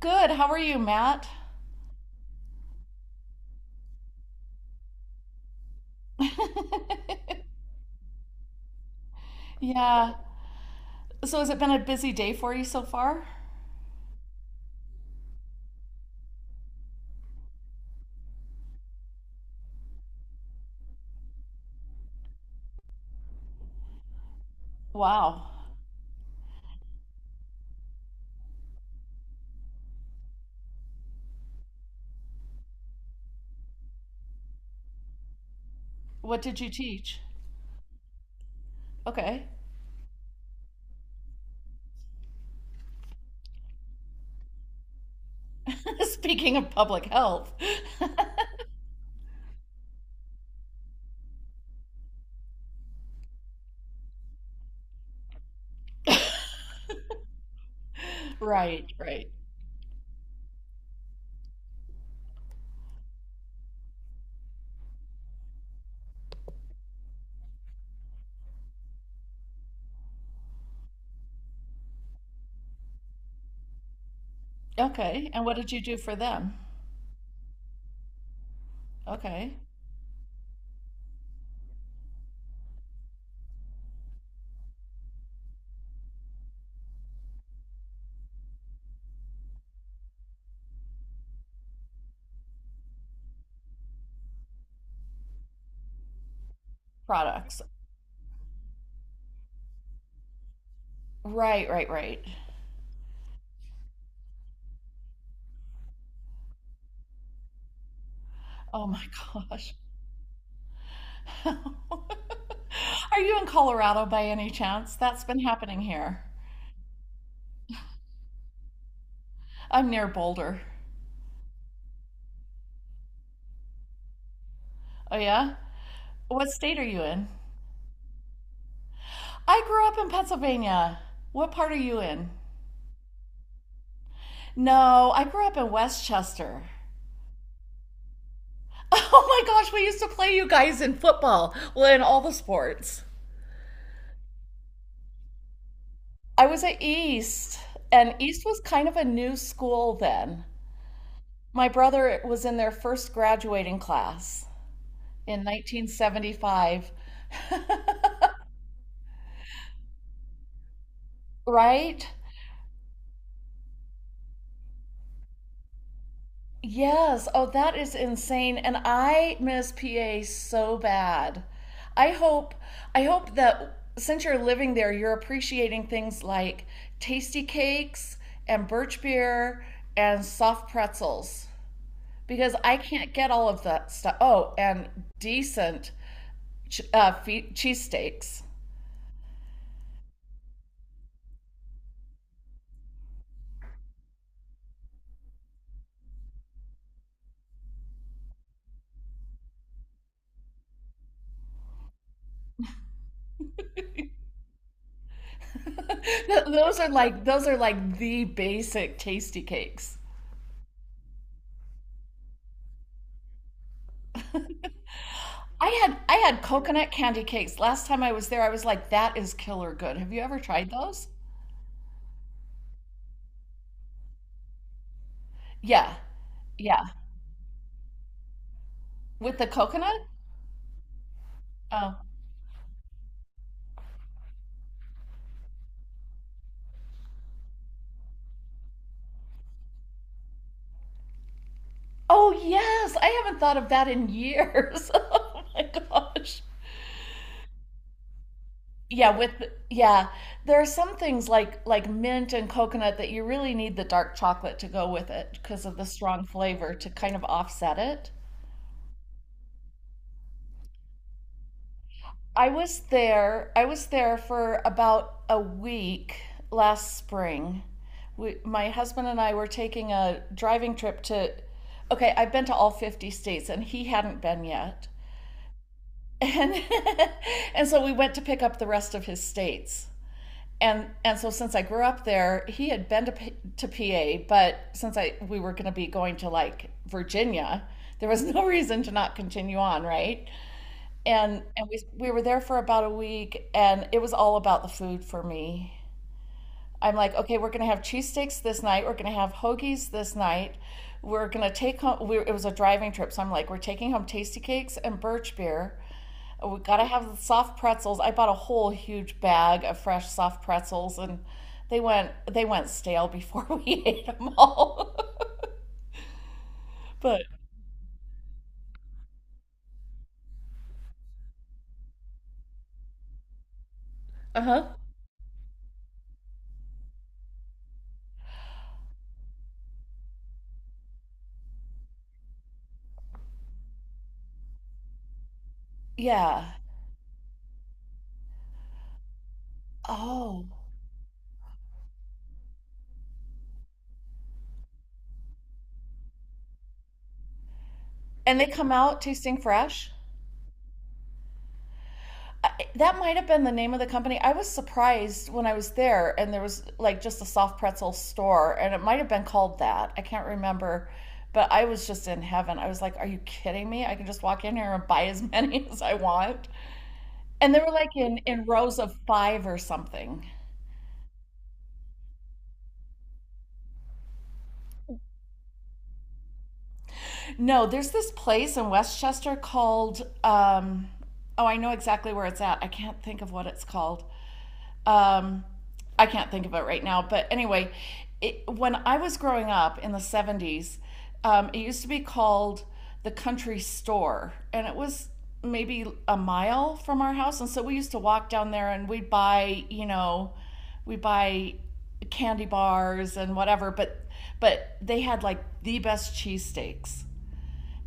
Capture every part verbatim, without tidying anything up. Good. How are you, Matt? Yeah. So has it been a busy day for you so far? Wow. What did you teach? Okay. Speaking of public health. Right, right. Okay. And what did you do for them? Okay. Products. Right, right, right. Oh my gosh. Are you in Colorado by any chance? That's been happening here. I'm near Boulder. Oh, yeah? What state are you in? I grew up in Pennsylvania. What part are you in? No, I grew up in Westchester. Oh my gosh, we used to play you guys in football, well, in all the sports. I was at East, and East was kind of a new school then. My brother was in their first graduating class in nineteen seventy-five. Right? Yes. Oh, that is insane. And I miss P A so bad. I hope I hope that since you're living there, you're appreciating things like tasty cakes and birch beer and soft pretzels because I can't get all of that stuff. Oh, and decent ch- uh, fe- cheesesteaks. Th- Those are like those are like the basic tasty cakes. I had I had coconut candy cakes. Last time I was there, I was like, that is killer good. Have you ever tried those? Yeah. Yeah. With the coconut? Oh. Oh yes. I haven't thought of that in years. Oh my gosh. Yeah, with yeah. There are some things like like mint and coconut that you really need the dark chocolate to go with it because of the strong flavor to kind of offset it. I was there. I was there for about a week last spring. We, my husband and I were taking a driving trip to. Okay, I've been to all fifty states, and he hadn't been yet. And and so we went to pick up the rest of his states. And and so since I grew up there, he had been to to P A, but since I we were going to be going to like Virginia, there was no reason to not continue on, right? and and we we were there for about a week, and it was all about the food for me. I'm like, okay, we're going to have cheesesteaks this night, we're going to have hoagies this night, we're going to take home. We, it was a driving trip, so I'm like, we're taking home tasty cakes and birch beer. We got to have the soft pretzels. I bought a whole huge bag of fresh soft pretzels, and they went they went stale before we ate them all. But. Uh-huh. Yeah. Oh, and they come out tasting fresh. That might have been the name of the company. I was surprised when I was there, and there was like just a soft pretzel store, and it might have been called that. I can't remember, but I was just in heaven. I was like, "Are you kidding me? I can just walk in here and buy as many as I want." And they were like in in rows of five or something. No, there's this place in Westchester called. Um, oh, I know exactly where it's at. I can't think of what it's called. Um, I can't think of it right now, but anyway, it, when I was growing up in the seventies, um, it used to be called the country store, and it was maybe a mile from our house. And so we used to walk down there and we'd buy, you know, we buy candy bars and whatever, but but they had like the best cheesesteaks.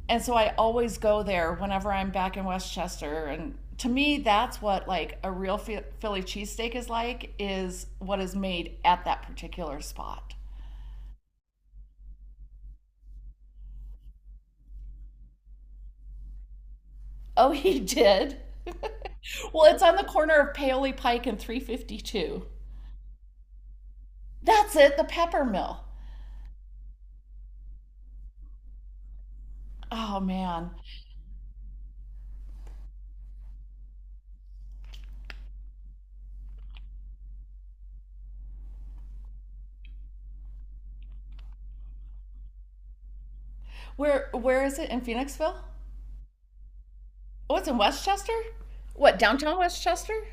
And so I always go there whenever I'm back in Westchester. And to me, that's what like a real Philly cheesesteak is like is what is made at that particular spot. Oh, he did. well, it's on the corner of Paoli Pike and three fifty-two. That's it, the Pepper Mill. Oh man, where where is it in Phoenixville? Oh, it's in Westchester. What downtown Westchester?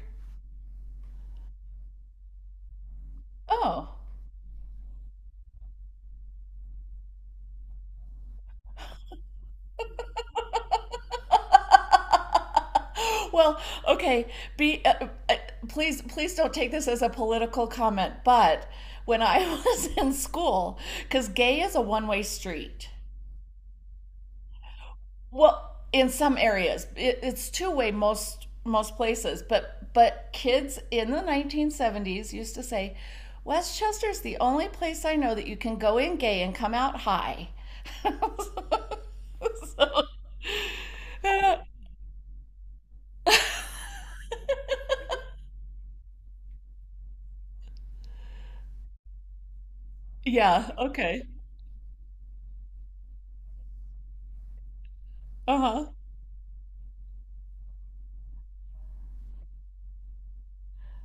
Oh, well, okay. Be uh, uh, please, please don't take this as a political comment. But when I was in school, because gay is a one-way street. Well, in some areas, it, it's two-way most most places. But but kids in the nineteen seventies used to say, Westchester's the only place I know that you can go in gay and come out high. so, yeah. Okay. Uh-huh.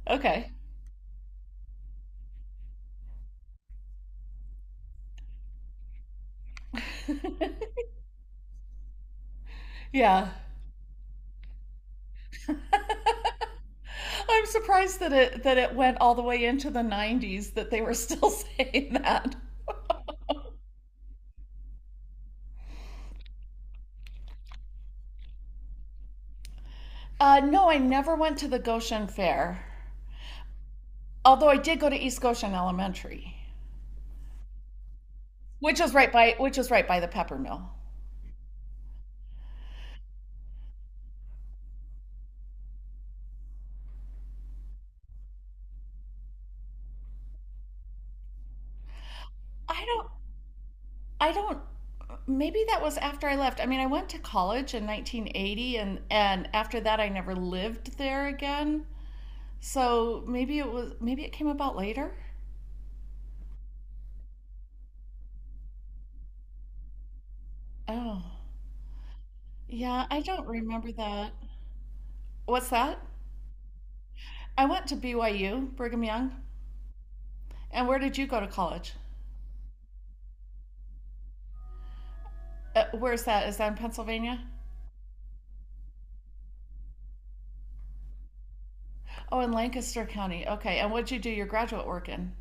Okay. Yeah. I'm surprised that it that it went all the way into the nineties that they were still saying that. Uh no, I never went to the Goshen Fair. Although I did go to East Goshen Elementary, which is right by which is right by the Pepper Mill. I don't I don't maybe that was after I left. I mean, I went to college in nineteen eighty and and after that I never lived there again. So maybe it was maybe it came about later. Oh. Yeah, I don't remember that. What's that? I went to B Y U, Brigham Young. And where did you go to college? Uh, where's that? Is that in Pennsylvania? Oh, in Lancaster County. Okay. And what'd you do your graduate work in?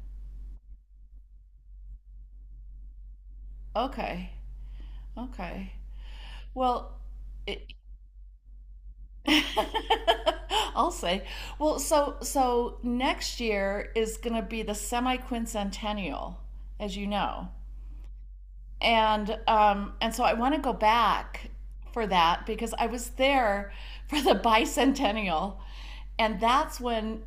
Okay. Okay. Well, it, I'll say. Well, so so next year is going to be the semi quincentennial, as you know. and um, and so I want to go back for that because I was there for the bicentennial, and that's when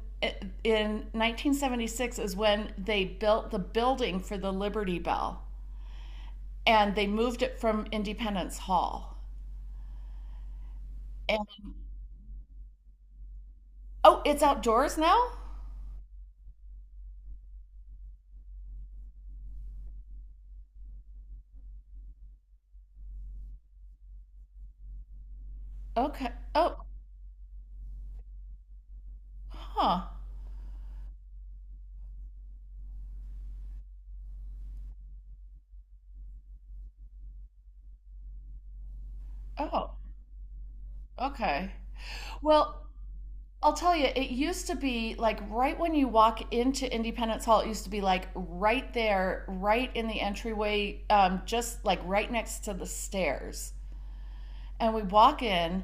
in nineteen seventy-six is when they built the building for the Liberty Bell, and they moved it from Independence Hall. And oh, it's outdoors now. Okay. Oh, huh. Oh, okay. Well, I'll tell you, it used to be like right when you walk into Independence Hall, it used to be like right there, right in the entryway, um, just like right next to the stairs. And we walk in,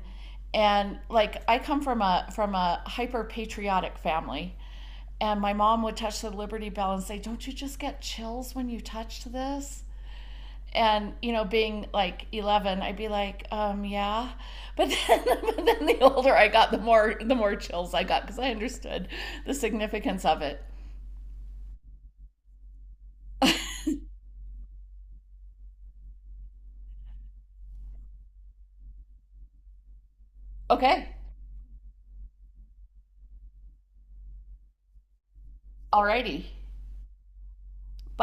and like I come from a from a hyper patriotic family, and my mom would touch the Liberty Bell and say, "Don't you just get chills when you touch this?" And you know being like eleven, I'd be like, um yeah. But then, but then the older I got, the more the more chills I got because I understood the significance of it. Okay. Alrighty. Bye.